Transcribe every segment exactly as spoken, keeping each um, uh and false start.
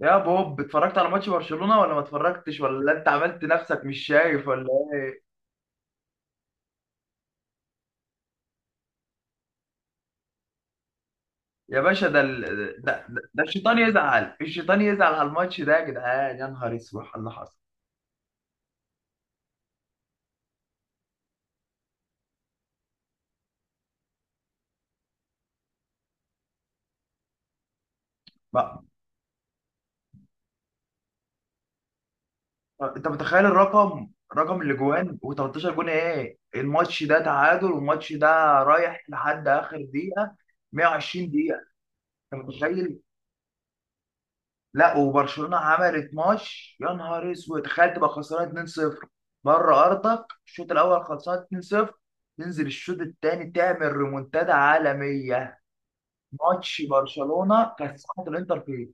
يا بوب، اتفرجت على ماتش برشلونة ولا ما اتفرجتش، ولا انت عملت نفسك مش شايف ولا ايه؟ يا باشا ده ال... ده, ده, ده الشيطان يزعل، الشيطان يزعل على الماتش ده يا جدعان. يا نهار اسود على اللي حصل. بقى انت متخيل الرقم؟ رقم الاجوان و13 جون. ايه الماتش ده تعادل والماتش ده رايح لحد اخر دقيقة، 120 دقيقة. انت متخيل؟ لا، وبرشلونه عملت ماتش، يا نهار اسود. تخيل تبقى خسران اتنين صفر بره ارضك، الشوط الاول خلصان اتنين صفر، تنزل الشوط الثاني تعمل ريمونتادا عالميه. ماتش برشلونه كسرت الانتر فيه.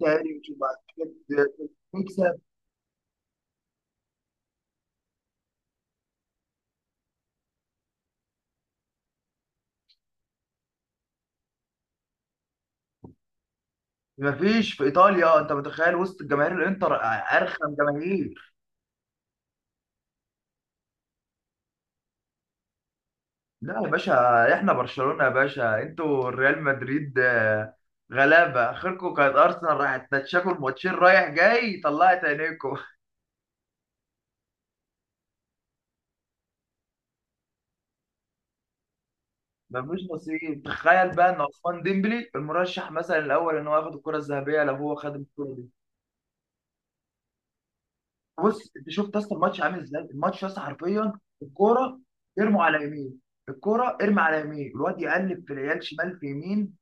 تاني مش بعد كده تكسب. مفيش في ايطاليا. انت متخيل وسط الجماهير؟ الانتر ارخم جماهير. لا يا باشا، احنا برشلونة يا باشا، انتوا ريال مدريد. آه، غلابة اخركم كانت ارسنال، راحت تتشاكل ماتشين رايح جاي، طلعت عينيكم. مفيش نصيب. تخيل بقى ان عثمان ديمبلي المرشح مثلا الاول ان هو ياخد الكرة الذهبية، لو هو خد الكرة دي. بص انت شفت اصلا الماتش عامل ازاي؟ الماتش اصلا حرفيا الكرة، ارموا على يمين. الكرة ارمي على يمين، الواد يقلب في العيال شمال في يمين.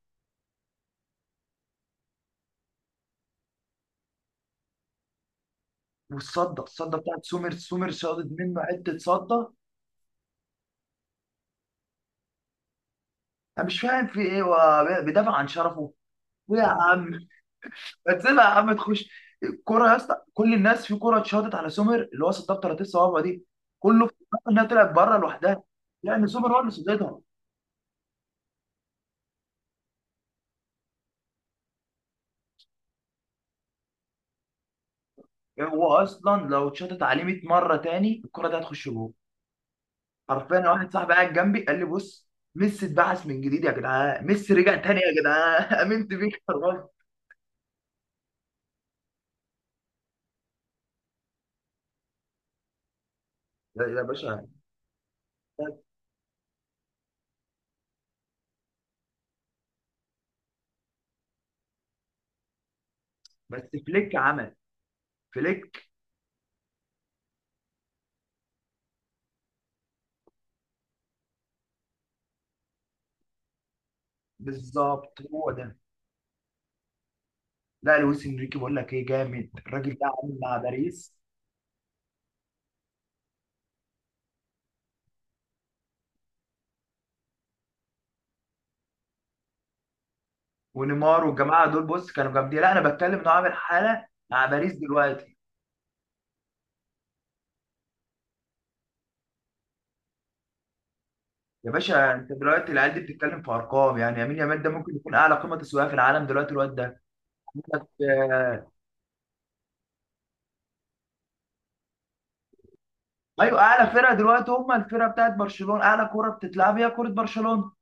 والصدة، الصدة بتاعت سومر، سومر صادت منه حتة صدة. انا مش فاهم في ايه، هو بيدافع عن شرفه؟ ايه يا عم، ما تسيبها يا عم تخش الكرة يا اسطى. كل الناس في كرة اتشاطت على سومر اللي هو صدها ب 30 صوابع دي، كله فكر انها طلعت بره لوحدها، لان سومر هو اللي صدتها. هو اصلا لو اتشاطت عليه ميت مرة مره تاني الكرة دي هتخش جول، حرفيا. أنا واحد صاحبي قاعد جنبي قال لي، بص، ميسي اتبعث من جديد يا جدعان، ميسي رجع تاني يا جدعان. امنت بيك يا راجل. يا يا باشا، بس فليك عمل. فليك بالظبط، هو ده. لا لويس انريكي، بقول لك ايه، جامد الراجل ده، عامل مع باريس ونيمار والجماعه دول. بص كانوا جامدين، لا انا بتكلم انه عامل حاله مع باريس دلوقتي. يا باشا، انت دلوقتي العيال دي بتتكلم في ارقام. يعني يمين يامال ده ممكن يكون اعلى قيمه تسويقيه في العالم دلوقتي الواد ده. آه، ايوه، اعلى فرقه دلوقتي هم الفرقه بتاعت برشلونه، اعلى كوره بتتلعب هي كوره برشلونه.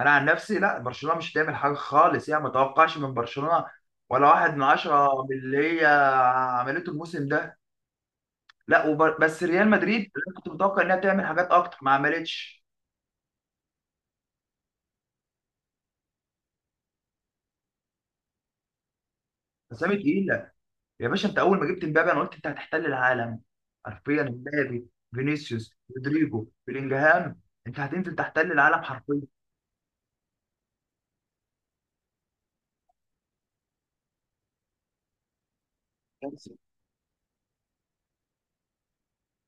انا عن نفسي لا، برشلونه مش هتعمل حاجه خالص. يعني ما توقعش من برشلونه ولا واحد من عشرة من اللي هي عملته الموسم ده. لا وب... بس ريال مدريد انا كنت متوقع انها تعمل حاجات اكتر ما عملتش. اسامي تقيله. يا باشا، انت اول ما جبت مبابي انا قلت انت هتحتل العالم. حرفيا مبابي، فينيسيوس، رودريجو، بلينجهام، انت هتنزل تحتل العالم حرفيا.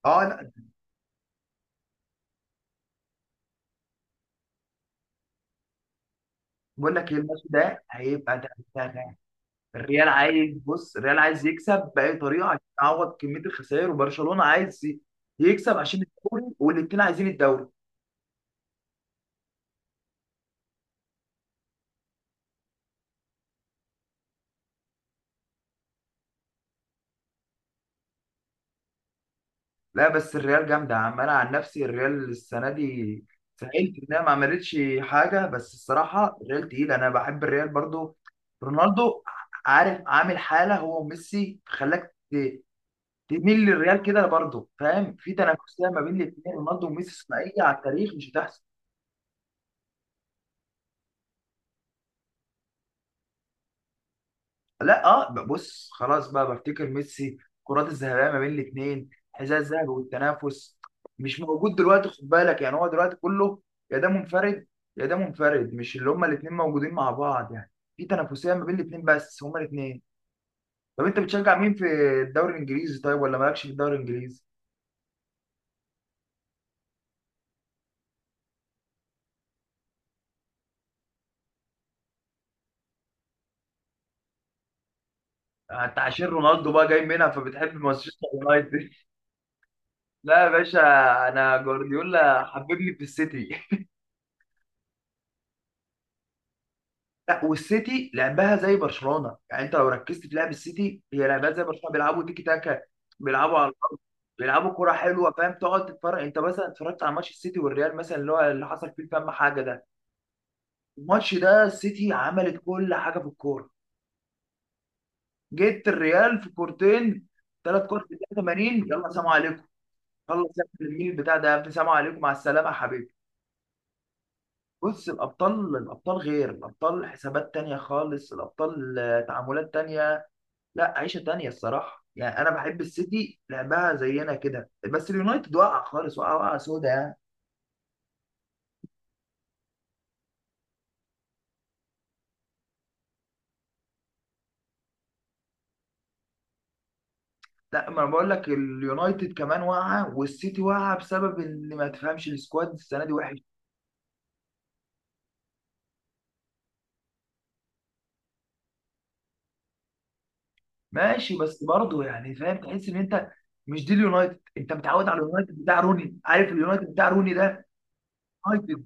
اه لا. بقول لك ايه، الماتش ده هيبقى ده. ده- ده. الريال عايز، بص الريال عايز يكسب باي طريقه عشان يعوض كميه الخسائر، وبرشلونه عايز ي- يكسب عشان الدوري، والاثنين عايزين الدوري. لا بس الريال جامدة يا عم. أنا عن نفسي الريال السنة دي زعلت إنها ما عملتش حاجة، بس الصراحة الريال تقيل. أنا بحب الريال برضو. رونالدو، عارف عامل حالة هو وميسي خلاك ت- تميل للريال كده برضو. فاهم؟ في تنافسية ما بين الاتنين، رونالدو وميسي ثنائية على التاريخ مش هتحصل. لا اه، ب- بص خلاص بقى بفتكر ميسي، الكرات الذهبيه ما بين الاثنين، حذاء الذهبي والتنافس مش موجود دلوقتي. خد بالك يعني، هو دلوقتي كله يا ده منفرد، يا ده منفرد، مش اللي هما الاثنين موجودين مع بعض. يعني في تنافسيه ما بين الاثنين، بس هما الاثنين. طب انت بتشجع مين في الدوري الانجليزي طيب، ولا مالكش في الدوري الانجليزي؟ انت عشان رونالدو بقى جاي منها فبتحب مانشستر يونايتد. لا يا باشا، انا جوارديولا حببني في السيتي. لا، والسيتي لعبها زي برشلونه. يعني انت لو ركزت في لعب السيتي، هي لعبها زي برشلونه، بيلعبوا تيكي تاكا، بيلعبوا على الارض، بيلعبوا كره حلوه. فاهم؟ تقعد تتفرج، انت مثلا اتفرجت على ماتش السيتي والريال مثلا اللي هو اللي حصل فيه، فاهم حاجه ده؟ الماتش ده السيتي عملت كل حاجه في الكوره، جيت الريال في كورتين، ثلاث كور في الدقيقه تمانين. يلا سلام عليكم. خلص يا ابني الميل بتاع ده يا ابني، سلام عليكم مع السلامه يا حبيبي. بص الابطال، الابطال غير، الابطال حسابات تانية خالص. الابطال آه، تعاملات تانية. لا عيشه تانية الصراحه. يعني انا بحب السيتي لعبها زينا كده، بس اليونايتد واقع خالص، واقع واقع سودا يعني. لا، ما انا بقول لك اليونايتد كمان واقعه، والسيتي واقعه بسبب ان ما تفهمش. السكواد السنه دي وحش. ماشي بس برضه، يعني فاهم، تحس ان انت مش دي اليونايتد. انت متعود على اليونايتد بتاع روني، عارف اليونايتد بتاع روني ده. يونايتد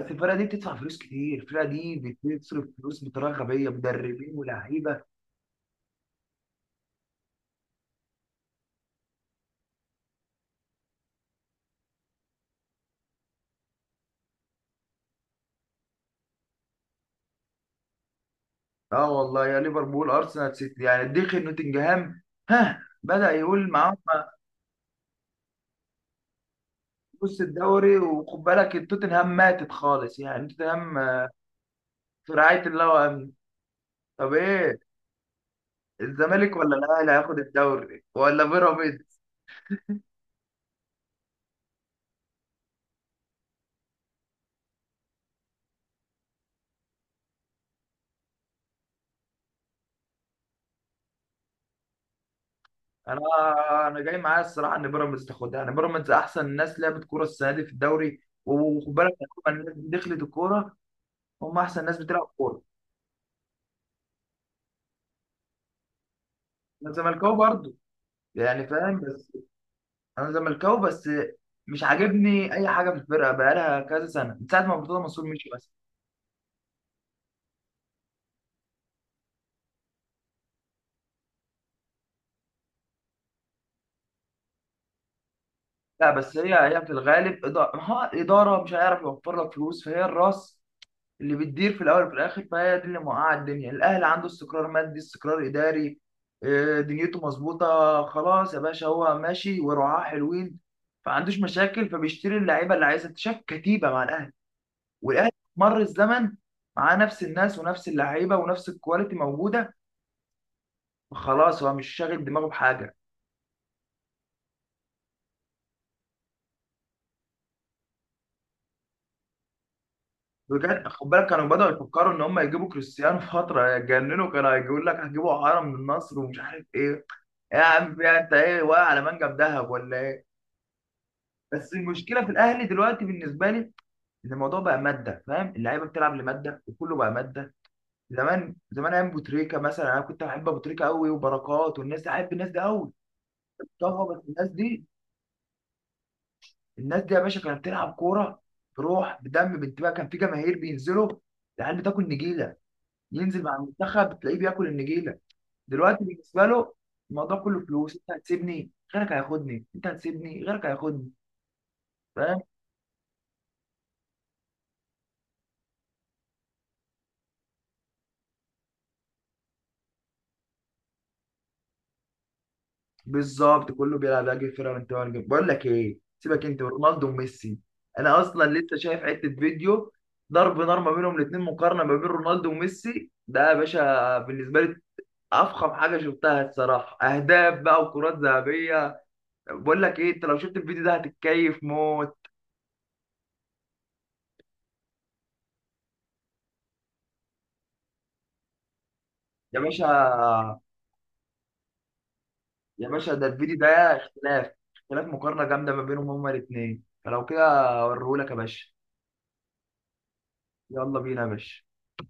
بس الفرقه دي بتدفع فلوس كتير. الفرقه دي بتصرف فلوس بطريقه غبيه، مدربين ولاعيبه. اه والله، يا ليفربول، ارسنال، سيتي، يعني دخل نوتنجهام. ها بدأ يقول معاهم. بص الدوري، وخد بالك، توتنهام ماتت خالص يعني، توتنهام في رعاية الله وأمنه. طب ايه، الزمالك ولا الاهلي هياخد الدوري ولا بيراميدز؟ انا انا جاي معايا الصراحه ان بيراميدز تاخدها. يعني بيراميدز احسن ناس لعبت كوره السنه دي في الدوري. وخد بالك لما الناس دي دخلت الكوره، هم احسن ناس بتلعب كوره. الزمالكاوي برضه يعني، فاهم؟ بس انا زملكاوي، بس مش عاجبني اي حاجه في الفرقه بقالها كذا سنه من ساعه ما مرتضى منصور مشي. بس لا، بس هي هي في الغالب اداره. ها اداره مش هيعرف يوفر لك فلوس، فهي الراس اللي بتدير في الاول وفي الاخر، فهي دي اللي موقعه الدنيا. الاهلي عنده استقرار مادي، استقرار اداري، آه، دنيته مظبوطه. خلاص يا باشا، هو ماشي ورعاه حلوين، فعندوش مشاكل، فبيشتري اللعيبه اللي عايزها. انت شايف كتيبه مع الاهلي، والاهلي مر الزمن معاه نفس الناس ونفس اللعيبه ونفس الكواليتي موجوده. خلاص هو مش شاغل دماغه بحاجه. بجد خد بالك، كانوا بدأوا يفكروا ان هم يجيبوا كريستيانو فتره، يتجننوا، كانوا هيقول لك هتجيبوا عارة من النصر ومش عارف ايه. يا عم، يا انت ايه واقع على منجم ذهب ولا ايه؟ بس المشكله في الاهلي دلوقتي بالنسبه لي، ان الموضوع بقى ماده. فاهم؟ اللعيبه بتلعب لماده، وكله بقى ماده. زمان، زمان ايام ابو تريكه مثلا، انا كنت بحب ابو تريكه قوي، وبركات والناس دي احب الناس دي قوي. طبعا، بس الناس دي الناس دي يا باشا كانت بتلعب كوره بروح، بدم، بانتباه. كان في جماهير بينزلوا، العيال بتاكل نجيله، ينزل مع المنتخب تلاقيه بياكل النجيله. دلوقتي بالنسبه له، الموضوع كله فلوس. انت هتسيبني غيرك هياخدني، انت هتسيبني غيرك هياخدني. فاهم؟ بالظبط، كله بيلعب لاجل الفرقه من تبع الجنب. بقول لك ايه، سيبك انت ورونالدو وميسي، انا اصلا لسه شايف حته فيديو ضرب نار ما بينهم الاثنين، مقارنه ما بين رونالدو وميسي. ده يا باشا بالنسبه لي افخم حاجه شفتها الصراحه. اهداف بقى، وكرات ذهبيه. بقول لك ايه، انت لو شفت الفيديو ده هتتكيف موت. يا باشا يا باشا ده الفيديو ده، اختلاف اختلاف مقارنة جامدة ما بينهم هما الاثنين. فلو كده اوريهولك يا باشا. يلا بينا يا باشا.